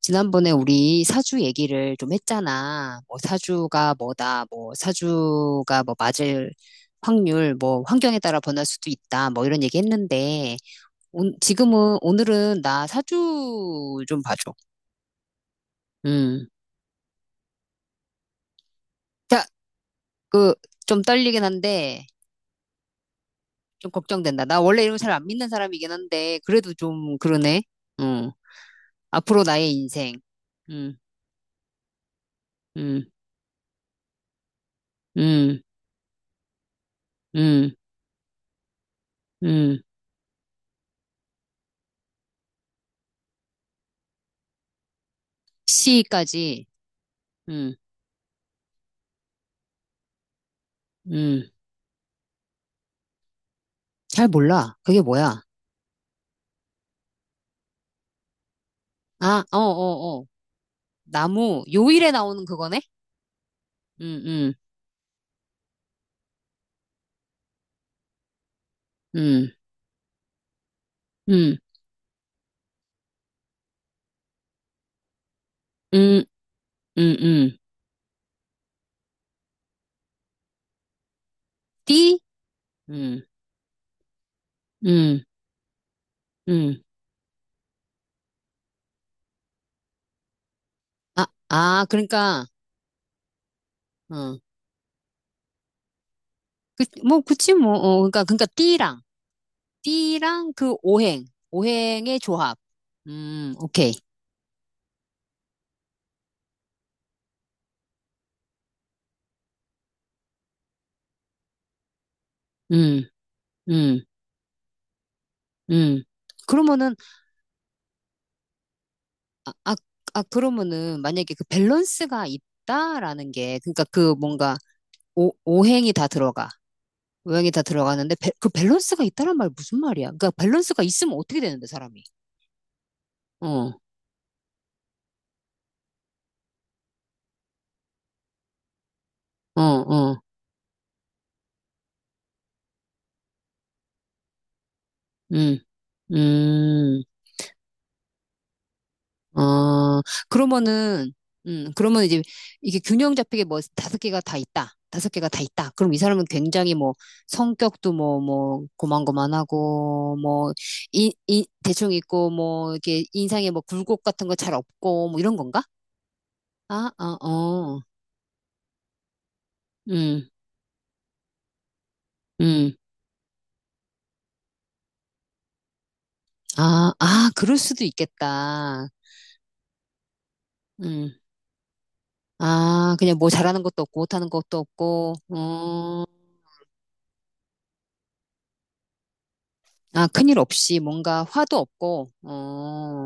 지난번에 우리 사주 얘기를 좀 했잖아. 뭐 사주가 뭐다, 뭐 사주가 뭐 맞을 확률, 뭐 환경에 따라 변할 수도 있다, 뭐 이런 얘기 했는데, 지금은, 오늘은 나 사주 좀 봐줘. 음. 자, 그, 좀 떨리긴 한데, 좀 걱정된다. 나 원래 이런 거 잘 안 믿는 사람이긴 한데, 그래도 좀 그러네. 음. 앞으로 나의 인생. 음, 음, 음, 음, 음. 시까지. 음, 음. 잘 몰라. 그게 뭐야? 아, 어, 어, 어. 나무, 요일에 나오는 그거네? 음, 음, 음, 음, 음, 음, 음. 띠? 음, 음, 음. 아, 아, 그러니까, 어. 그, 뭐, 그치, 뭐, 어. 그러니까, 그러니까, 띠랑 그 오행, 오행의 조합. 오케이. 음, 음, 음. 그러면은, 아, 아, 아, 그러면은, 만약에 그 밸런스가 있다라는 게, 그러니까 그 뭔가, 오행이 다 들어가. 모양이 다 들어가는데 그 밸런스가 있다란 말 무슨 말이야? 그러니까 밸런스가 있으면 어떻게 되는데 사람이? 어, 어, 어, 음, 음, 어, 그러면은, 그러면 이제 이게 균형 잡히게 뭐 다섯 개가 다 있다, 다섯 개가 다 있다. 그럼 이 사람은 굉장히 뭐 성격도 뭐 뭐 고만고만하고 뭐이 이, 대충 있고 뭐 이렇게 인상에 뭐 굴곡 같은 거 잘 없고 뭐 이런 건가? 아, 아, 어, 음, 음. 아, 아, 그럴 수도 있겠다. 음. 아, 그냥 뭐 잘하는 것도 없고, 못하는 것도 없고, 어, 아, 큰일 없이 뭔가 화도 없고, 어,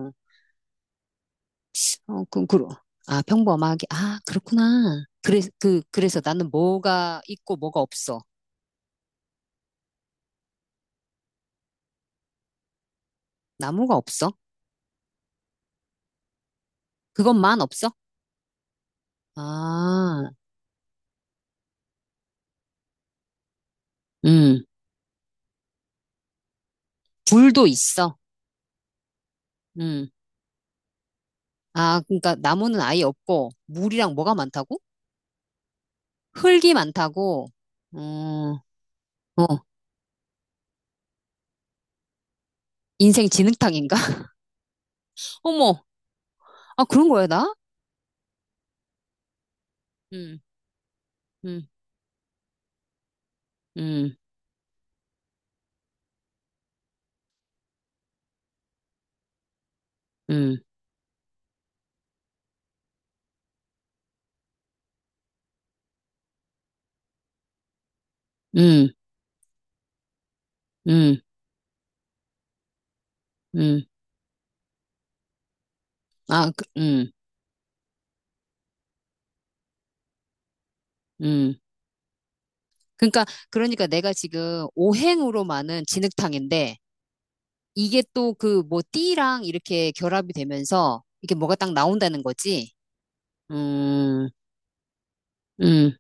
어, 그, 그, 아, 평범하게, 아, 그렇구나. 그래, 그, 그래서 나는 뭐가 있고 뭐가 없어. 나무가 없어. 그것만 없어. 아, 음, 불도 있어. 음, 아, 그러니까 나무는 아예 없고, 물이랑 뭐가 많다고? 흙이 많다고, 어, 어, 인생 진흙탕인가? 어머, 아, 그런 거야, 나? 음. 음, 음, 음, 음, 음, 음. 아, 그, 음. 그러니까, 그러니까 내가 지금 오행으로만은 진흙탕인데, 이게 또 그 뭐 띠랑 이렇게 결합이 되면서, 이게 뭐가 딱 나온다는 거지? 음, 음.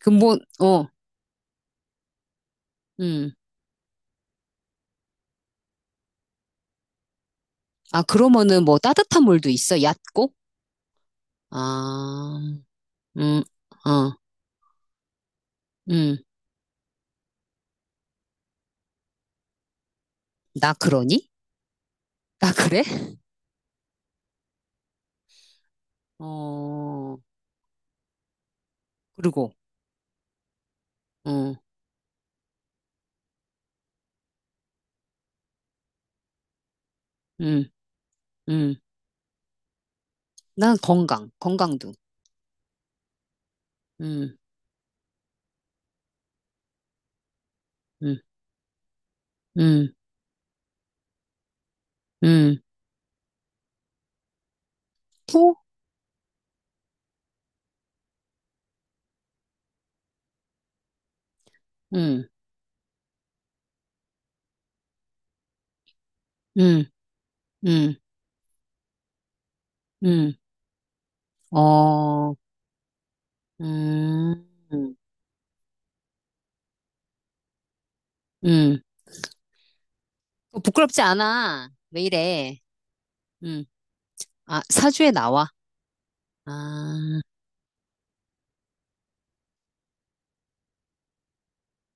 그 뭐, 어, 음. 아, 그러면은 뭐 따뜻한 물도 있어? 얕고? 아, 음, 어, 음. 나 그러니? 나 그래? 어, 그리고, 어, 음, 음. 난 건강, 건강도. 음, 음, 음, 음. 또? 음, 음, 음, 음. 어, 음, 음. 어, 부끄럽지 않아. 왜 이래? 음. 아, 사주에 나와. 아,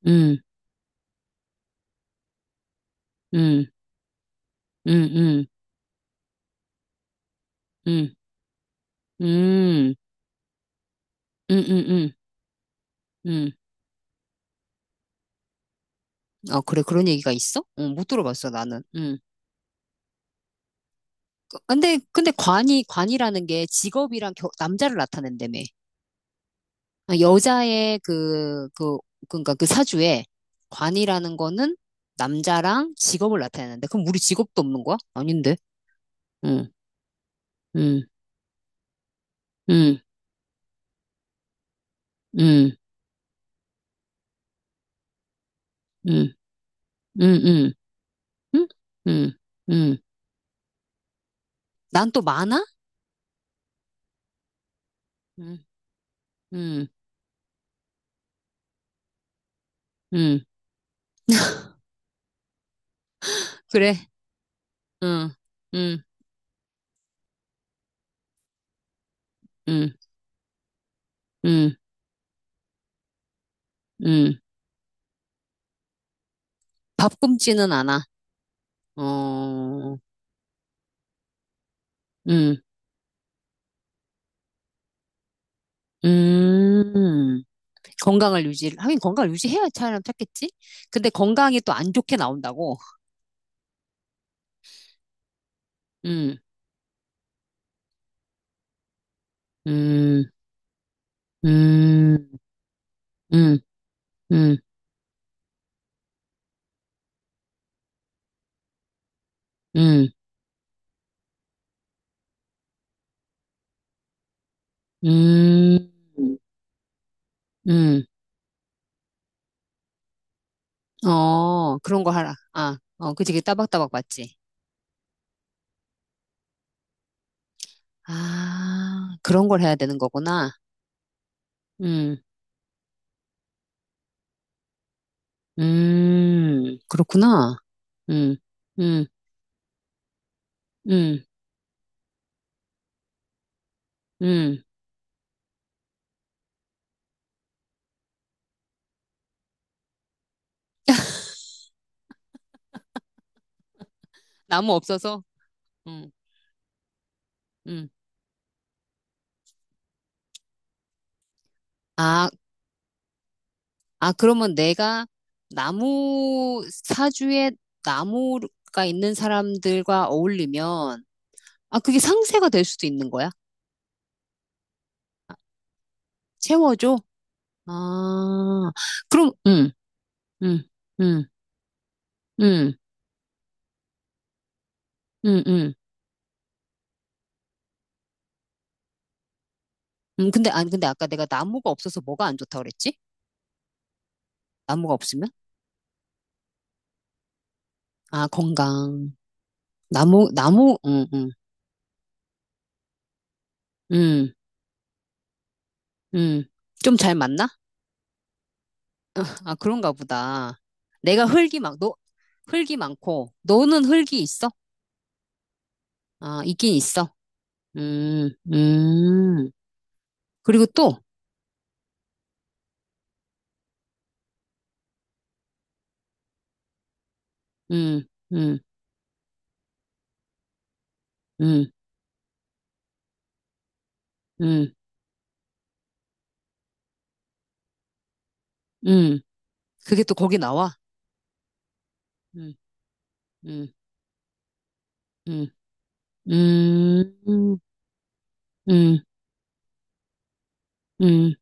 음, 음, 음, 음, 음, 음, 음, 음, 음. 음. 아, 그래, 그런 얘기가 있어? 어, 못 들어봤어, 나는. 음. 근데, 근데 관이, 관이라는 게 직업이랑 남자를 나타낸다며. 아, 여자의 그, 그, 그러니까 그 사주에 관이라는 거는 남자랑 직업을 나타내는데 그럼 우리 직업도 없는 거야? 아닌데. 응, 응, 응, 응, 응, 응, 응, 응, 응, 응. 난 또 많아? 응, 응, 응. 그래. 응, 응, 응, 응, 응. 밥 굶지는 않아. 어, 응, 음. 건강을 유지, 하긴 건강을 유지해야 사람 찾겠지? 근데 건강이 또 안 좋게 나온다고. 음, 음, 음, 음, 음, 음, 음, 음. 어, 그런 거 하라. 아, 어, 그치, 그 따박따박 맞지. 아, 그런 걸 해야 되는 거구나. 음, 그렇구나. 음, 음, 음, 음. 나무 없어서? 음, 음. 아, 아, 그러면 내가 나무, 사주에 나무가 있는 사람들과 어울리면, 아, 그게 상쇄가 될 수도 있는 거야? 채워줘? 아, 그럼, 응, 응, 응, 응, 응, 응. 근데, 아니, 근데 아까 내가 나무가 없어서 뭐가 안 좋다고 그랬지? 나무가 없으면? 아, 건강. 나무, 나무, 응, 응, 응, 응. 좀 잘 맞나? 아, 그런가 보다. 내가 흙이 막, 너, 흙이 많고, 너는 흙이 있어? 아, 있긴 있어. 음, 음. 그리고 또, 음, 음, 음, 음, 음. 그게 또 거기 나와? 음, 음, 음. 음, 음, 음,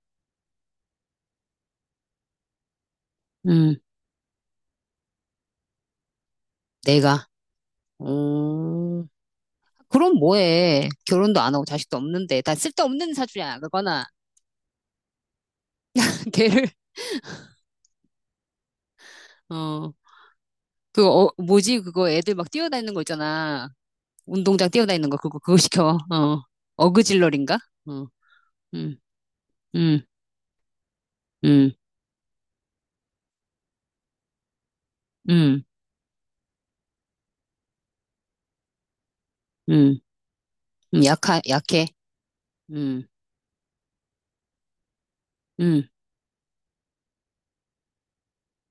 음, 내가. 음, 그럼 뭐해. 결혼도 안 하고 자식도 없는데. 다 쓸데없는 사주야, 그거나. 걔를, 어, 그, 어, 뭐지, 그거 애들 막 뛰어다니는 거 있잖아. 운동장 뛰어다니는 거, 그거, 그거 시켜. 어, 어그질러린가? 어, 음, 음, 음, 음, 음, 약해. 음, 음,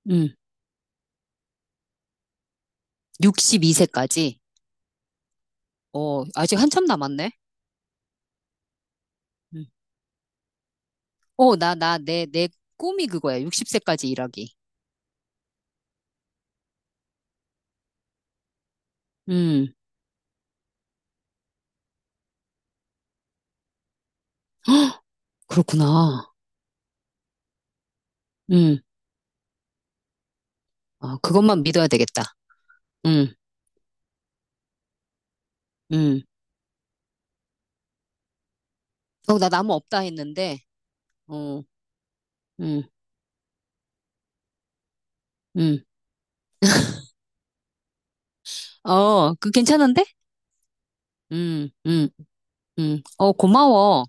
음, 62세까지. 어, 아직 한참 남았네. 음. 어, 내 꿈이 그거야. 60세까지 일하기. 음, 헉, 그렇구나. 음, 아, 그것만 믿어야 되겠다. 음, 음. 어, 나 나무 없다 했는데, 어, 음, 음. 어, 그 괜찮은데? 음, 음, 어, 고마워.